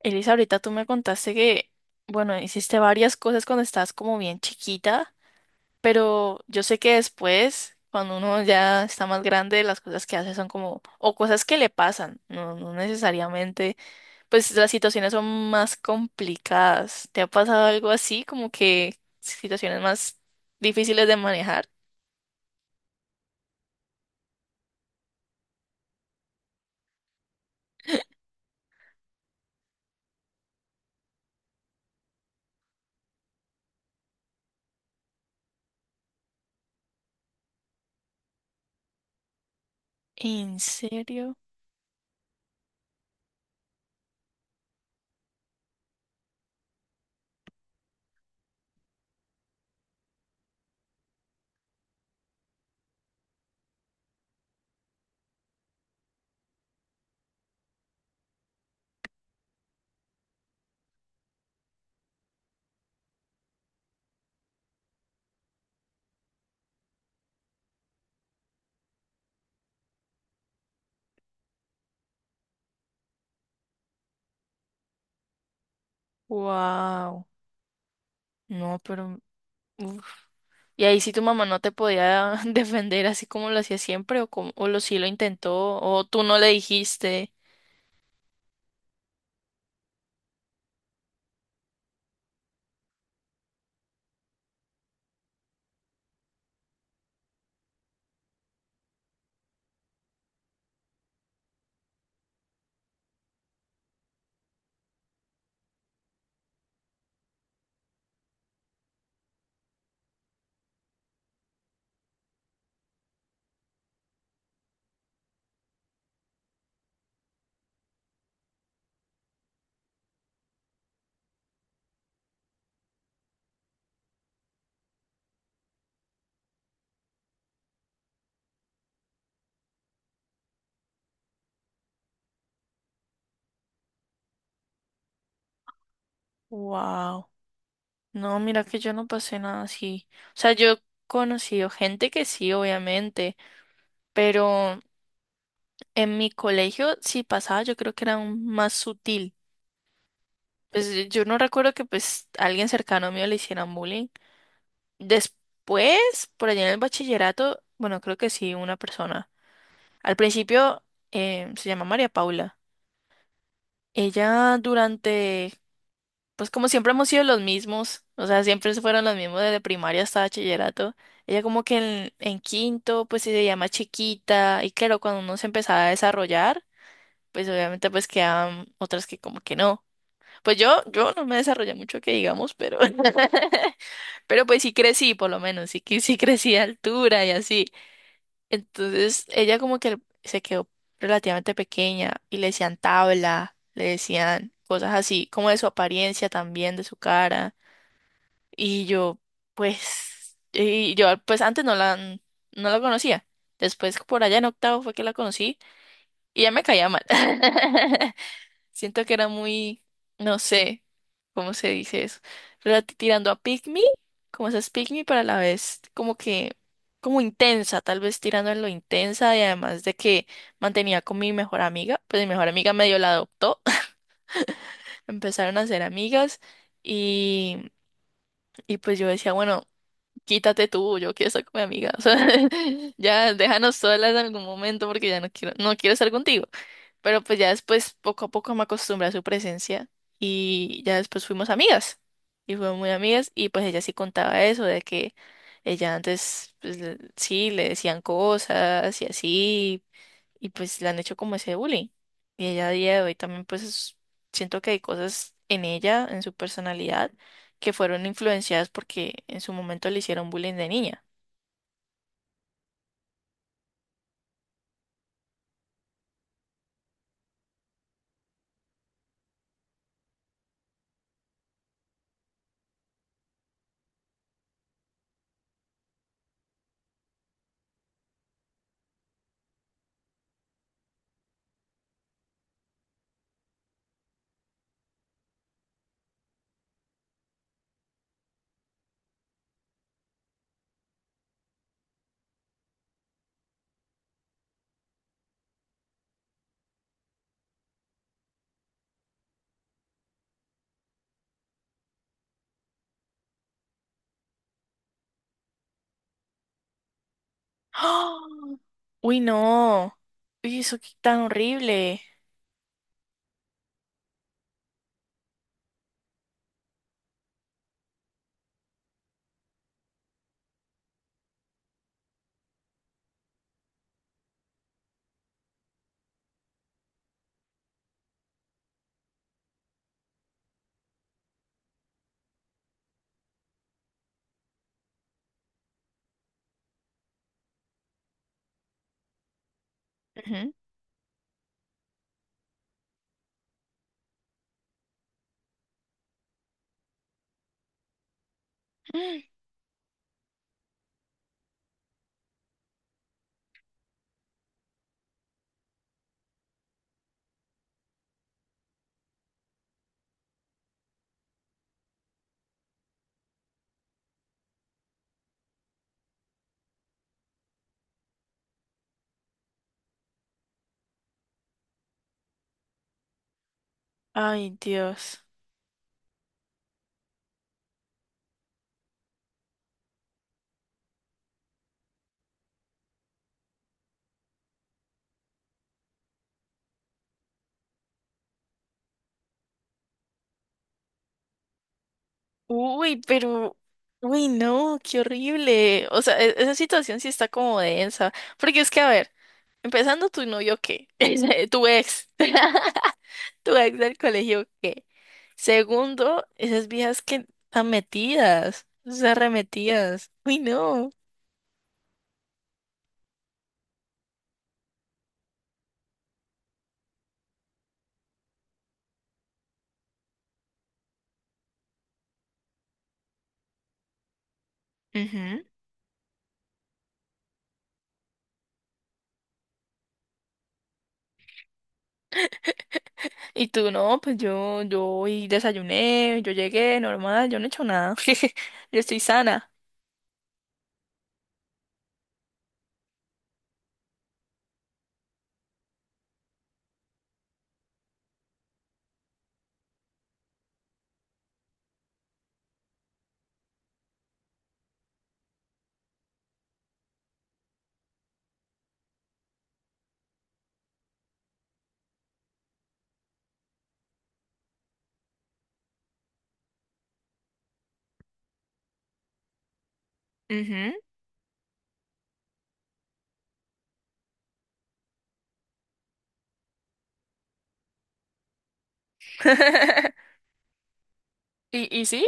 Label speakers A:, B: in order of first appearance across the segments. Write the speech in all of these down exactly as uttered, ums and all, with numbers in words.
A: Elisa, ahorita tú me contaste que, bueno, hiciste varias cosas cuando estabas como bien chiquita, pero yo sé que después, cuando uno ya está más grande, las cosas que hace son como, o cosas que le pasan, no, no necesariamente, pues las situaciones son más complicadas. ¿Te ha pasado algo así, como que situaciones más difíciles de manejar? ¿En serio? Wow. No, pero uf. Y ahí sí tu mamá no te podía defender así como lo hacía siempre o como, o lo sí lo intentó o tú no le dijiste. Wow. No, mira que yo no pasé nada así. O sea, yo he conocido gente que sí, obviamente, pero en mi colegio sí pasaba, yo creo que era aún más sutil. Pues yo no recuerdo que pues alguien cercano mío le hicieran bullying. Después, por allá en el bachillerato, bueno, creo que sí, una persona. Al principio eh, se llama María Paula. Ella durante, pues como siempre hemos sido los mismos, o sea, siempre fueron los mismos desde primaria hasta bachillerato. Ella como que en, en quinto, pues sí se llama chiquita, y claro, cuando uno se empezaba a desarrollar, pues obviamente pues quedaban otras que como que no. Pues yo, yo no me desarrollé mucho que digamos, pero, pero pues sí crecí, por lo menos, sí, que- sí crecí de altura y así. Entonces ella como que se quedó relativamente pequeña y le decían tabla, le decían cosas así, como de su apariencia también, de su cara. Y yo, pues, y yo pues antes no la, no la conocía. Después por allá en octavo fue que la conocí y ya me caía mal. Siento que era muy, no sé, ¿cómo se dice eso? Relati- tirando a pick me, como esas pick me, pero a la vez como que, como intensa, tal vez tirando en lo intensa, y además de que mantenía con mi mejor amiga, pues mi mejor amiga medio la adoptó, empezaron a ser amigas y, y pues yo decía, bueno, quítate tú, yo quiero estar con mi amiga, o sea, ya déjanos solas en algún momento porque ya no quiero, no quiero estar contigo. Pero pues ya después, poco a poco me acostumbré a su presencia y ya después fuimos amigas. Y fuimos muy amigas y pues ella sí contaba eso, de que ella antes, pues le- sí, le decían cosas y así, y pues le han hecho como ese bullying. Y ella a día de hoy también pues es- siento que hay cosas en ella, en su personalidad, que fueron influenciadas porque en su momento le hicieron bullying de niña. ¡Ah! Uy, no. Uy, eso qué tan horrible. Ujú. Ay, Dios. Uy, pero... Uy, no, qué horrible. O sea, e- esa situación sí está como densa. Porque es que, a ver, empezando tu novio, ¿qué? Ese, tu ex. Tu ex del colegio, ¿qué? Segundo, esas viejas que están metidas, esas arremetidas. Uy, no. Ujú. Y tú no, pues yo, yo hoy desayuné, yo llegué normal, yo no he hecho nada. Yo estoy sana. Ujú. ¿Y, y sí?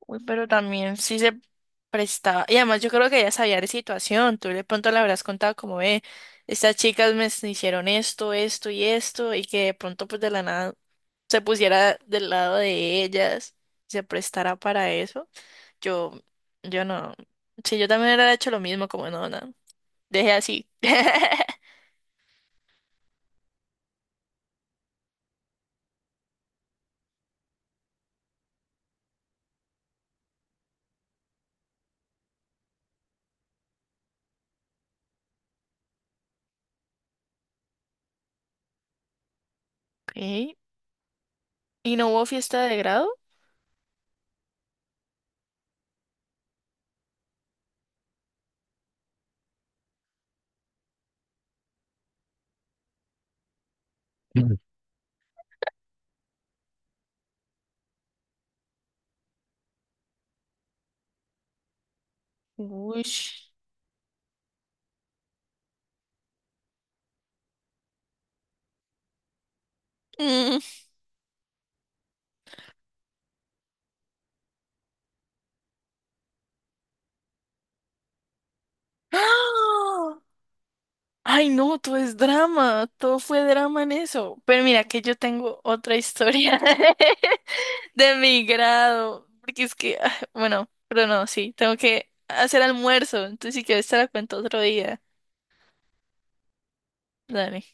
A: Uy, pero también sí se prestaba. Y además yo creo que ella sabía de situación. Tú de pronto le habrás contado como, ve, estas chicas me s- hicieron esto, esto y esto, y que de pronto pues de la nada se pusiera del lado de ellas, se prestara para eso. Yo, yo no. Sí, yo también hubiera hecho lo mismo, como no, no. Dejé así. Ok. ¿Y no hubo fiesta de grado? Mm. Uy. Ay, no, todo es drama, todo fue drama en eso. Pero mira que yo tengo otra historia de mi grado, porque es que, ah, bueno, pero no, sí, tengo que hacer almuerzo, entonces si quieres te la cuento otro día. Dale.